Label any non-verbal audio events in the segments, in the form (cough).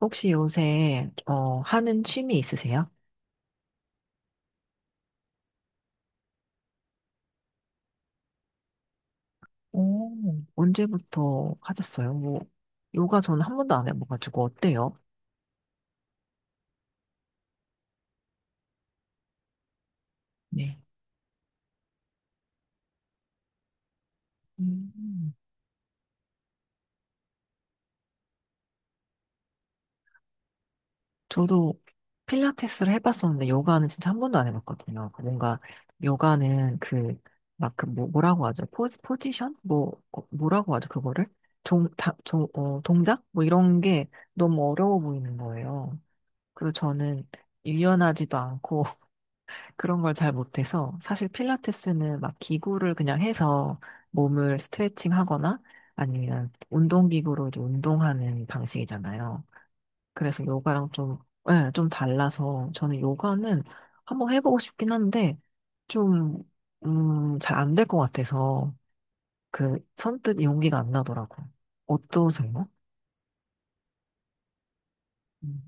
혹시 요새, 하는 취미 있으세요? 오, 언제부터 하셨어요? 뭐, 요가 저는 한 번도 안 해봐가지고 어때요? 네. 음, 저도 필라테스를 해봤었는데 요가는 진짜 한 번도 안 해봤거든요. 그 뭔가 요가는 그, 막 그 뭐, 뭐라고 하죠? 포지션? 뭐, 뭐라고 하죠? 그거를? 종, 다, 종, 어, 동작? 뭐 이런 게 너무 어려워 보이는 거예요. 그래서 저는 유연하지도 않고 그런 걸 잘 못해서 사실 필라테스는 막 기구를 그냥 해서 몸을 스트레칭 하거나 아니면 운동기구로 이제 운동하는 방식이잖아요. 그래서 요가랑 좀, 예, 좀 달라서 저는 요가는 한번 해보고 싶긴 한데 좀, 잘 안 될 것 같아서 그 선뜻 용기가 안 나더라고요. 어떠세요? 음,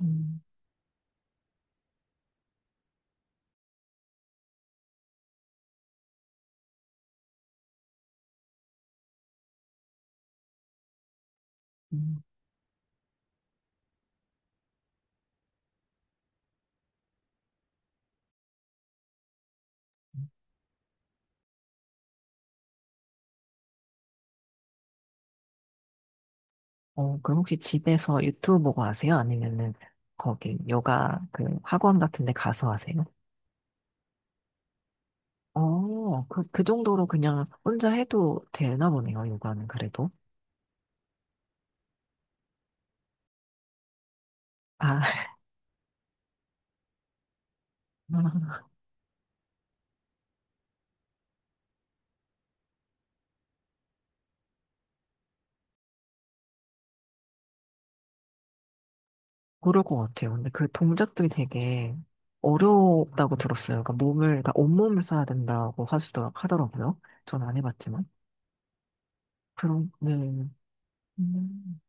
음, 음. 그럼 혹시 집에서 유튜브 보고 하세요? 아니면은 거기 요가 그 학원 같은 데 가서 하세요? 그 정도로 그냥 혼자 해도 되나 보네요, 요가는 그래도. 아, (laughs) 그럴 것 같아요. 근데 그 동작들이 되게 어렵다고 들었어요. 그러니까 몸을, 그러니까 온몸을 써야 된다고 하더라고요. 전 안 해봤지만. 네. 음.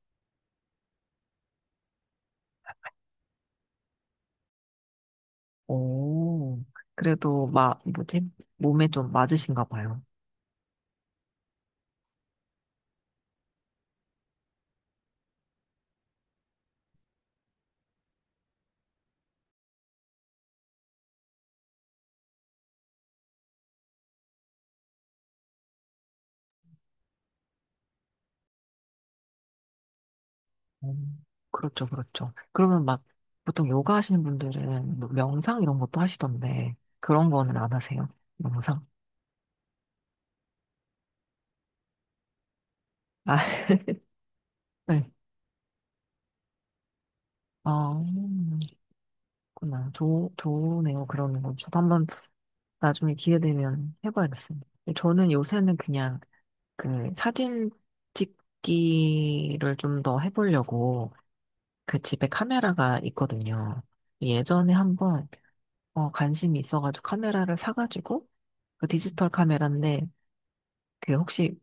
오, 그래도 막, 뭐지? 몸에 좀 맞으신가 봐요. 음, 그렇죠, 그렇죠. 그러면 막 보통 요가 하시는 분들은 뭐 명상 이런 것도 하시던데 그런 거는 안 하세요? 명상? 아, (laughs) 네. 어, 음, 그렇구나. 좋네요. 그러는 건 저도 한번 나중에 기회 되면 해봐야겠습니다. 저는 요새는 그냥 그 사진 찍기를 좀 더 해보려고 그 집에 카메라가 있거든요. 예전에 한번 관심이 있어가지고 카메라를 사가지고 그 디지털 카메라인데 그 혹시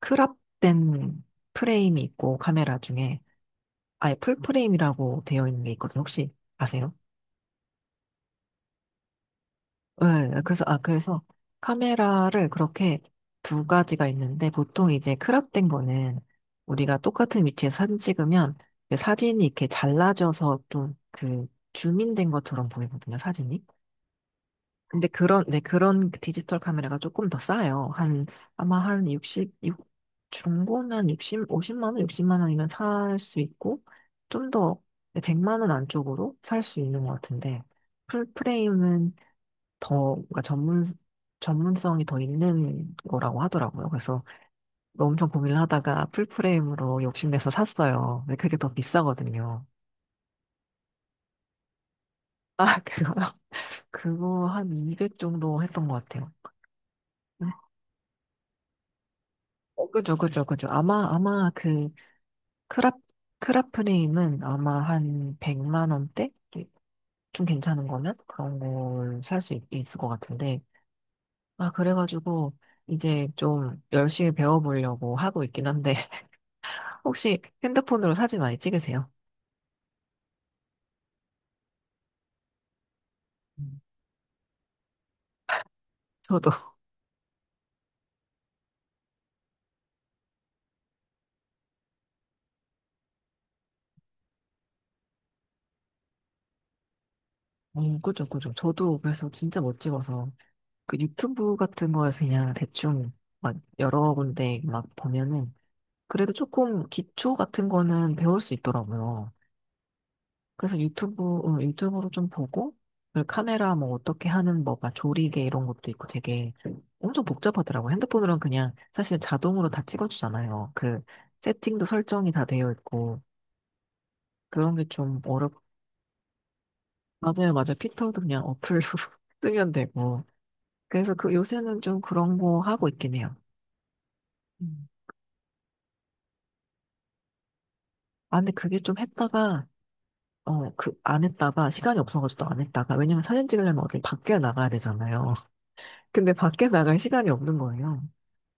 크롭된 프레임이 있고 카메라 중에 아예 풀 프레임이라고 되어 있는 게 있거든요. 혹시 아세요? 네, 그래서 카메라를 그렇게 두 가지가 있는데 보통 이제 크롭된 거는 우리가 똑같은 위치에서 사진 찍으면 그 사진이 이렇게 잘라져서 좀 그 줌인된 것처럼 보이거든요. 사진이. 근데 네, 그런 디지털 카메라가 조금 더 싸요. 한, 아마 한 60, 육 중고는 한 60, 50만 원, 60만 원이면 살 수 있고, 좀 더, 네, 100만 원 안쪽으로 살 수 있는 것 같은데, 풀프레임은 더, 그러니까 전문성이 더 있는 거라고 하더라고요. 그래서 엄청 고민을 하다가 풀프레임으로 욕심내서 샀어요. 근데 그게 더 비싸거든요. 아, 그거, (laughs) 그거 한 200 정도 했던 것 같아요. 그죠, 그죠, 그죠. 아마 크라, 크라프림은 아마 한 100만 원대? 네, 좀 괜찮은 거면? 그런 걸 살 수 있을 것 같은데. 아, 그래가지고, 이제 좀 열심히 배워보려고 하고 있긴 한데, (laughs) 혹시 핸드폰으로 사진 많이 찍으세요? 음. 저도. (laughs) 그죠, 그죠. 저도 그래서 진짜 못 찍어서, 그 유튜브 같은 거 그냥 대충 막 여러 군데 막 보면은, 그래도 조금 기초 같은 거는 배울 수 있더라고요. 그래서 유튜브로 좀 보고, 그 카메라 뭐 어떻게 하는 뭐, 막 조리개 이런 것도 있고 되게 엄청 복잡하더라고요. 핸드폰으로는 그냥 사실 자동으로 다 찍어주잖아요. 그 세팅도 설정이 다 되어 있고, 그런 게 좀 어렵, 맞아요, 맞아요. 피터도 그냥 어플로 (laughs) 쓰면 되고. 그래서 그 요새는 좀 그런 거 하고 있긴 해요. 음. 아, 근데 그게 좀 했다가, 안 했다가, 시간이 없어가지고 또 안 했다가, 왜냐면 사진 찍으려면 어딜 밖에 나가야 되잖아요. (laughs) 근데 밖에 나갈 시간이 없는 거예요.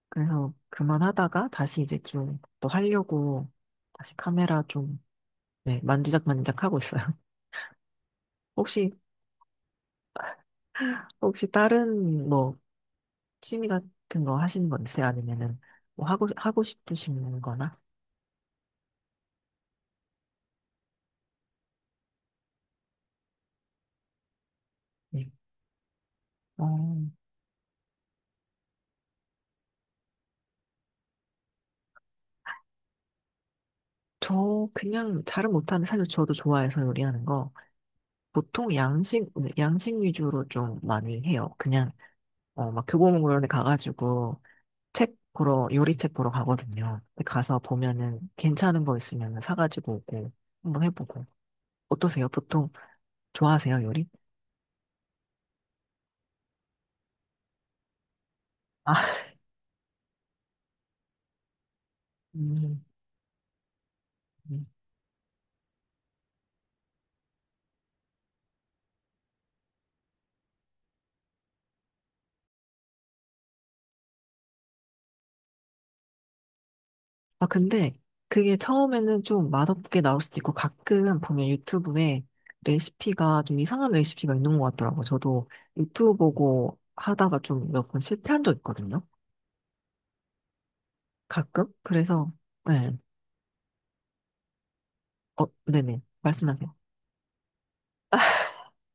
그래서 그만하다가 다시 이제 좀 또 하려고 다시 카메라 좀, 네, 만지작만지작 하고 있어요. (laughs) 혹시, 혹시 다른 뭐 취미 같은 거 하시는 거 있어요? 아니면은 뭐 하고 싶으신 거나? 네. 어, 저 그냥 잘은 못하는데 사실 저도 좋아해서 요리하는 거. 보통 양식 위주로 좀 많이 해요. 그냥, 막 교보문고런 데 가가지고 책 보러, 요리책 보러 가거든요. 근데 가서 보면은 괜찮은 거 있으면 사가지고 오고 한번 해보고. 어떠세요? 보통 좋아하세요, 요리? 아, 음, 음. 아, 근데 그게 처음에는 좀 맛없게 나올 수도 있고 가끔 보면 유튜브에 레시피가 좀 이상한 레시피가 있는 것 같더라고요. 저도 유튜브 보고 하다가 좀 몇 번 실패한 적 있거든요. 가끔? 그래서, 네. 어, 네네. 말씀하세요.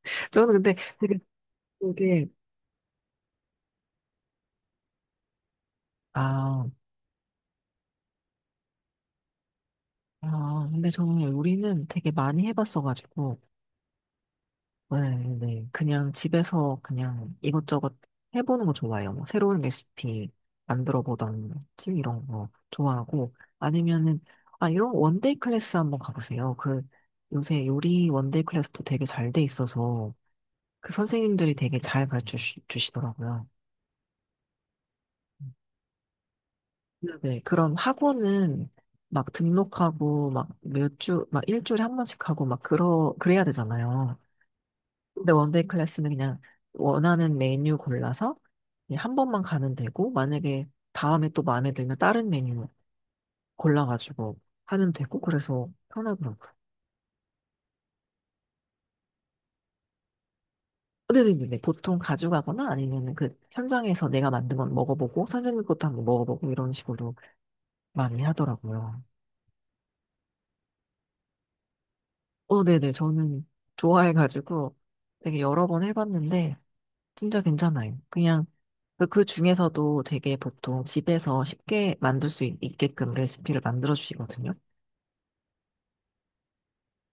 (laughs) 저는 근데 되게, 아, 아, 근데 저는 요리는 되게 많이 해봤어가지고, 네, 네. 그냥 집에서 그냥 이것저것 해보는 거 좋아해요. 뭐 새로운 레시피 만들어 보던지 이런 거 좋아하고, 아니면은, 아, 이런 원데이 클래스 한번 가보세요. 그, 요새 요리 원데이 클래스도 되게 잘 돼 있어서, 그 선생님들이 되게 잘 가르쳐 주시더라고요. 네, 그럼 학원은 막 등록하고, 막 몇 주, 막 일주일에 한 번씩 하고, 막 그래야 되잖아요. 근데 원데이 클래스는 그냥 원하는 메뉴 골라서 그냥 한 번만 가면 되고, 만약에 다음에 또 마음에 들면 다른 메뉴 골라가지고 하면 되고, 그래서 편하더라고요. 근데 네 보통 가져가거나 아니면 그 현장에서 내가 만든 건 먹어보고, 선생님 것도 한번 먹어보고 이런 식으로 많이 하더라고요. 어, 네네. 저는 좋아해가지고 되게 여러 번 해봤는데, 진짜 괜찮아요. 그냥 그, 그 중에서도 되게 보통 집에서 쉽게 만들 수 있게끔 레시피를 만들어 주시거든요.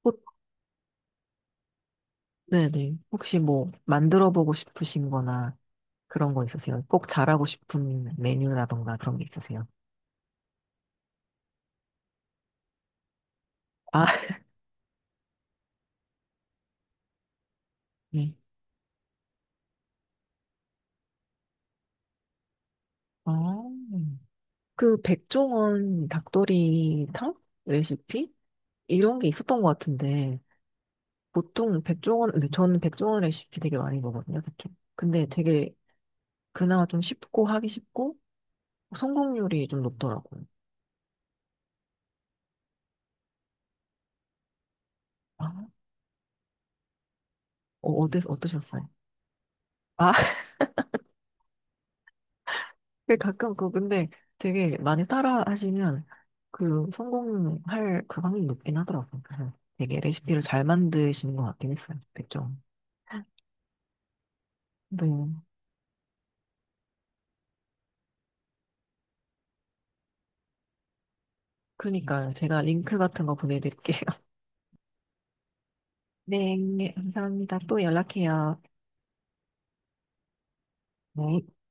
혹- 네네. 혹시 뭐 만들어 보고 싶으신 거나 그런 거 있으세요? 꼭 잘하고 싶은 메뉴라던가 그런 게 있으세요? 아, (laughs) 네. 아, 그 백종원 닭도리탕 레시피? 이런 게 있었던 것 같은데 보통 백종원, 근데 저는 백종원 레시피 되게 많이 먹거든요, 특히. 근데 되게 그나마 좀 쉽고 하기 쉽고 성공률이 좀 높더라고요. 아, 어떠셨어요? 아, (laughs) 근데 가끔 그 근데 되게 많이 따라 하시면 그 성공할 그 확률이 높긴 하더라고요. 그래서 되게 레시피를 잘 만드시는 것 같긴 했어요. 그죠? 네. 그러니까 제가 링크 같은 거 보내드릴게요. (laughs) 네, 감사합니다. 또 연락해요. 네.